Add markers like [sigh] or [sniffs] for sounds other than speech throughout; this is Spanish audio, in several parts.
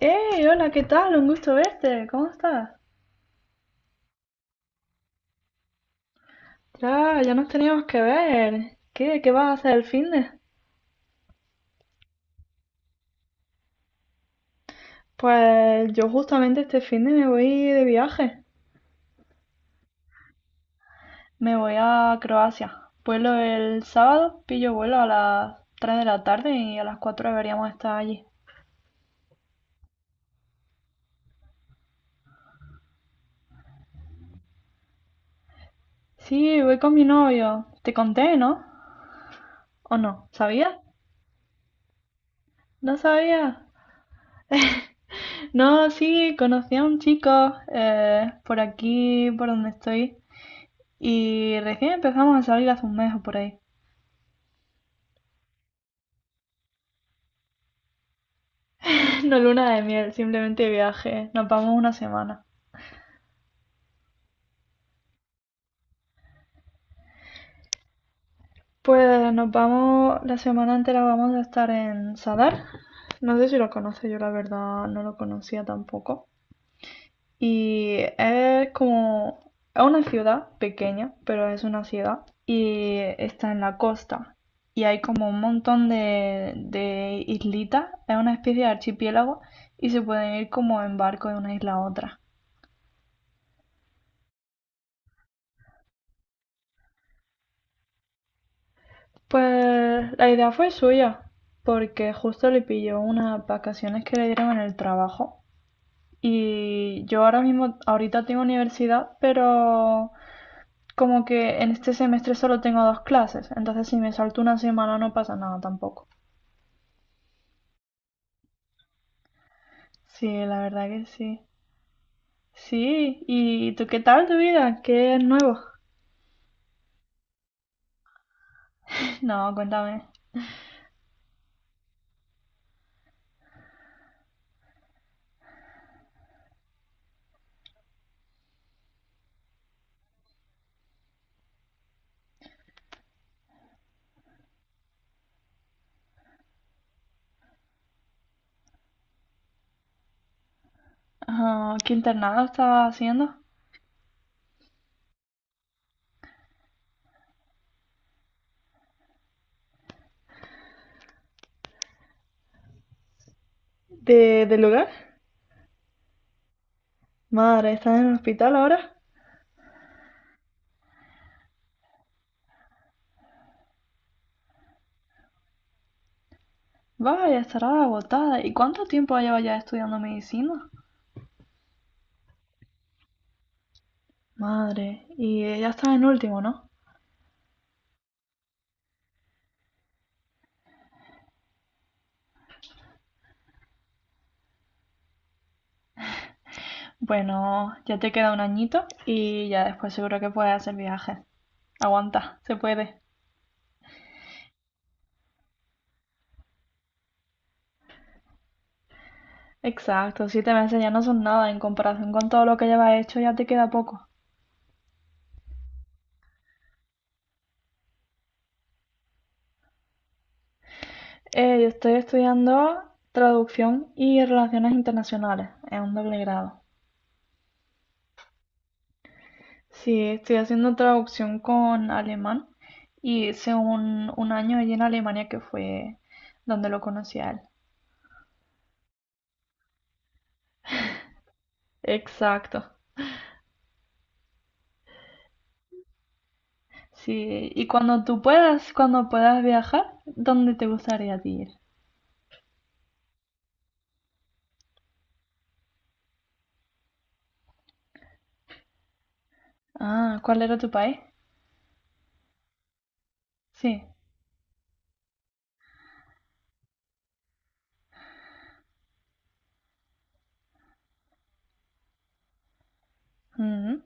¡Hey! Hola, ¿qué tal? Un gusto verte. ¿Cómo estás? Ya, ya nos teníamos que ver. ¿Qué vas a hacer el finde? Pues yo justamente este finde me voy de viaje. Me voy a Croacia. Vuelo el sábado, pillo vuelo a las 3 de la tarde y a las 4 deberíamos estar allí. Sí, voy con mi novio. Te conté, ¿no? ¿O no? ¿Sabías? No sabía. No, sí, conocí a un chico por aquí, por donde estoy. Y recién empezamos a salir hace un mes o por ahí. [laughs] No luna de miel, simplemente viaje. Nos vamos una semana. Pues nos vamos, la semana entera vamos a estar en Sadar. No sé si lo conoce, yo la verdad no lo conocía tampoco. Y es como, es una ciudad pequeña, pero es una ciudad. Y está en la costa. Y hay como un montón de islitas. Es una especie de archipiélago. Y se pueden ir como en barco de una isla a otra. Pues la idea fue suya, porque justo le pilló unas vacaciones que le dieron en el trabajo. Y yo ahora mismo, ahorita tengo universidad, pero como que en este semestre solo tengo 2 clases, entonces si me salto una semana no pasa nada tampoco. Sí, la verdad que sí. Sí, ¿y tú qué tal tu vida? ¿Qué es nuevo? [laughs] No, cuéntame. Ah, ¿qué internado estabas haciendo? ¿De, del lugar? Madre, ¿estás en el hospital ahora? Vaya, estará agotada. ¿Y cuánto tiempo lleva ya estudiando medicina? Madre, y ya estás en último, ¿no? Bueno, ya te queda un añito y ya después seguro que puedes hacer viajes. Aguanta, se puede. Exacto, 7 meses ya no son nada en comparación con todo lo que llevas hecho, ya te queda poco. Yo estoy estudiando traducción y relaciones internacionales, es un doble grado. Sí, estoy haciendo traducción con alemán y hice un año allí en Alemania que fue donde lo conocí a él. Exacto. Sí, y cuando tú puedas, cuando puedas viajar, ¿dónde te gustaría a ti ir? Ah, ¿cuál era tu país? Sí. Ujú.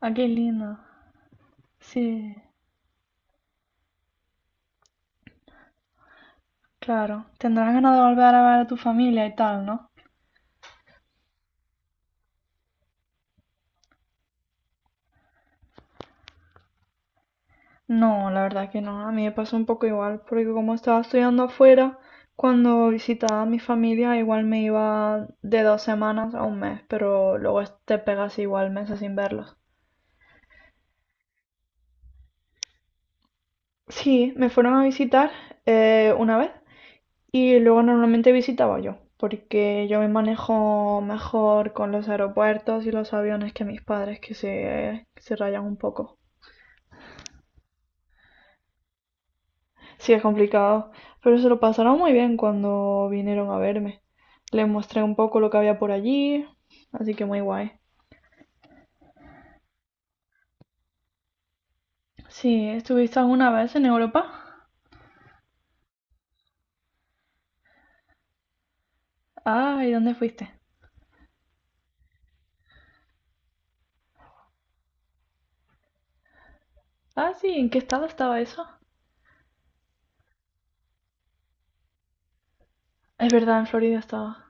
Ah, qué lindo. Sí, claro. Tendrás ganas de volver a ver a tu familia y tal, ¿no? No, la verdad que no, a mí me pasó un poco igual, porque como estaba estudiando afuera, cuando visitaba a mi familia igual me iba de 2 semanas a un mes, pero luego te pegas igual meses sin verlos. Sí, me fueron a visitar una vez y luego normalmente visitaba yo, porque yo me manejo mejor con los aeropuertos y los aviones que mis padres que se rayan un poco. Sí, es complicado, pero se lo pasaron muy bien cuando vinieron a verme. Les mostré un poco lo que había por allí, así que muy guay. Sí, ¿estuviste alguna vez en Europa? Ah, ¿y dónde fuiste? Ah, sí, ¿en qué estado estaba eso? Es verdad, en Florida estaba.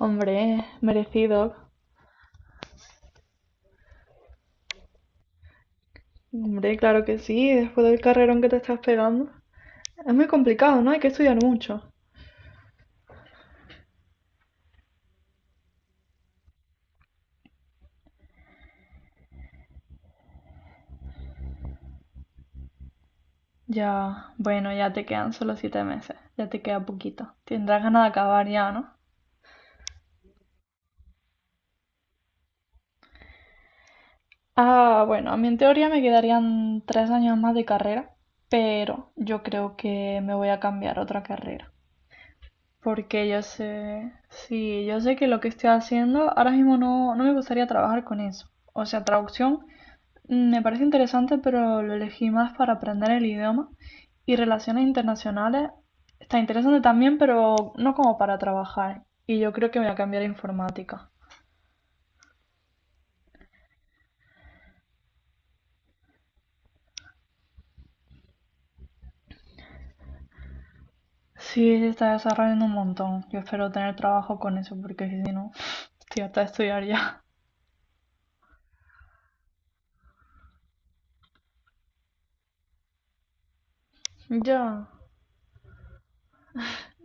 Hombre, merecido. Hombre, claro que sí, después del carrerón que te estás pegando. Es muy complicado, ¿no? Hay que estudiar mucho. Ya, bueno, ya te quedan solo 7 meses, ya te queda poquito. Tendrás ganas de acabar ya, ¿no? Ah, bueno, a mí en teoría me quedarían 3 años más de carrera, pero yo creo que me voy a cambiar a otra carrera. Porque yo sé, sí, yo sé que lo que estoy haciendo ahora mismo no, no me gustaría trabajar con eso. O sea, traducción me parece interesante, pero lo elegí más para aprender el idioma. Y relaciones internacionales está interesante también, pero no como para trabajar. Y yo creo que me voy a cambiar a informática. Sí, se está desarrollando un montón. Yo espero tener trabajo con eso porque si no, [sniffs] estoy hasta de estudiar ya. [laughs] Ya.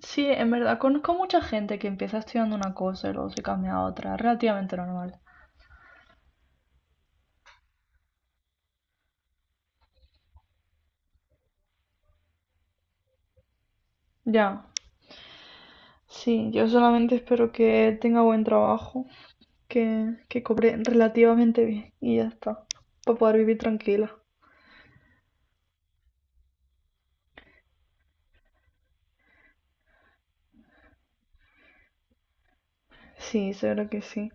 Sí, en verdad, conozco mucha gente que empieza estudiando una cosa y luego se cambia a otra. Relativamente normal. Ya. Sí, yo solamente espero que tenga buen trabajo, que cobre relativamente bien y ya está, para poder vivir tranquila. Sí, seguro que sí.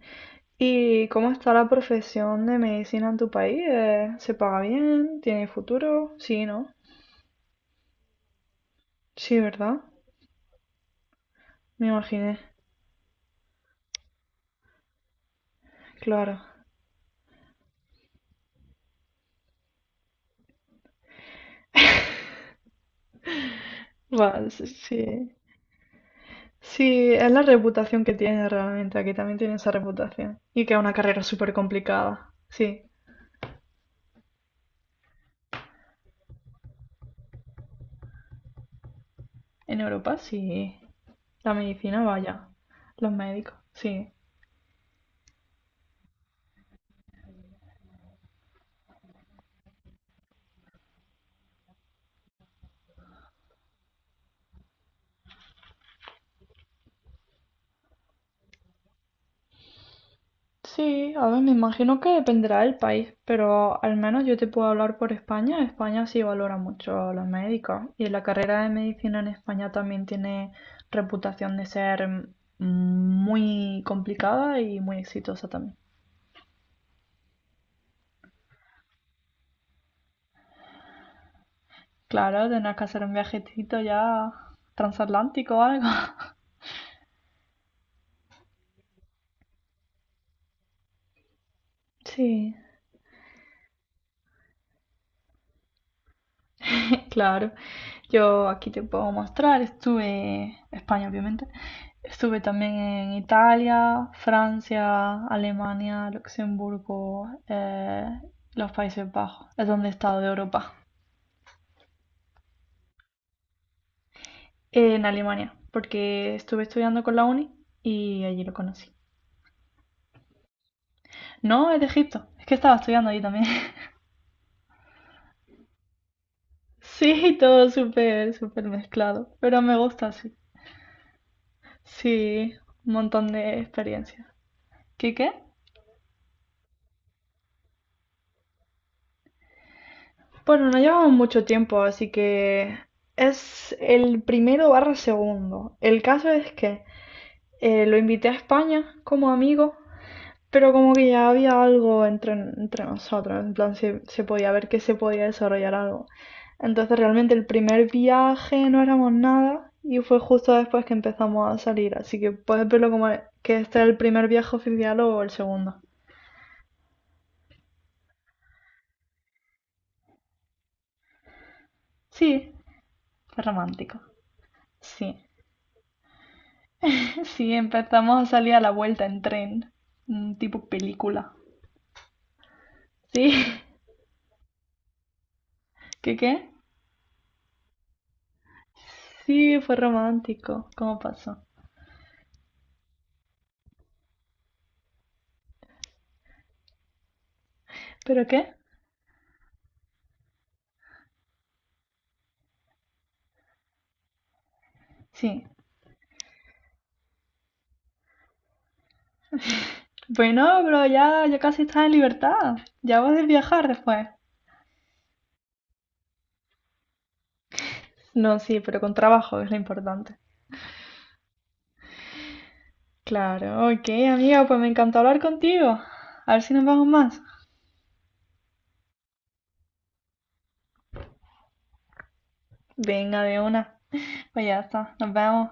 ¿Y cómo está la profesión de medicina en tu país? ¿Se paga bien? ¿Tiene futuro? Sí, ¿no? Sí, ¿verdad? Me imaginé, claro. Va, sí. Sí, es la reputación que tiene realmente. Aquí también tiene esa reputación. Y que es una carrera súper complicada. Sí, en Europa sí. La medicina, vaya. Los médicos, sí. Sí, a ver, me imagino que dependerá del país, pero al menos yo te puedo hablar por España. España sí valora mucho a los médicos y la carrera de medicina en España también tiene reputación de ser mm, muy complicada y muy exitosa también. Claro, tendrás que hacer un viajecito ya transatlántico o algo. [laughs] Sí. Claro, yo aquí te puedo mostrar, estuve, España obviamente, estuve también en Italia, Francia, Alemania, Luxemburgo, los Países Bajos, es donde he estado de Europa, en Alemania, porque estuve estudiando con la uni y allí lo conocí. No, es de Egipto, es que estaba estudiando allí también. [laughs] Sí, todo súper, súper mezclado, pero me gusta así. Sí, un montón de experiencias. ¿Qué qué? Bueno, no llevamos mucho tiempo, así que es el primero barra segundo. El caso es que lo invité a España como amigo, pero como que ya había algo entre nosotros, en plan se podía ver que se podía desarrollar algo. Entonces realmente el primer viaje no éramos nada y fue justo después que empezamos a salir, así que puedes verlo como que este es el primer viaje oficial o el segundo. Sí, es romántico, sí. Sí, empezamos a salir a la vuelta en tren, un tipo película. Sí, [laughs] ¿qué qué? Sí, fue romántico, ¿cómo pasó? ¿Pero qué? Sí. Pues no, pero ya, ya casi estás en libertad, ya vas a viajar después. No, sí, pero con trabajo es lo importante. Claro, ok, amiga, pues me encantó hablar contigo. A ver si nos vemos más. Venga, de una. Pues ya está, nos vemos.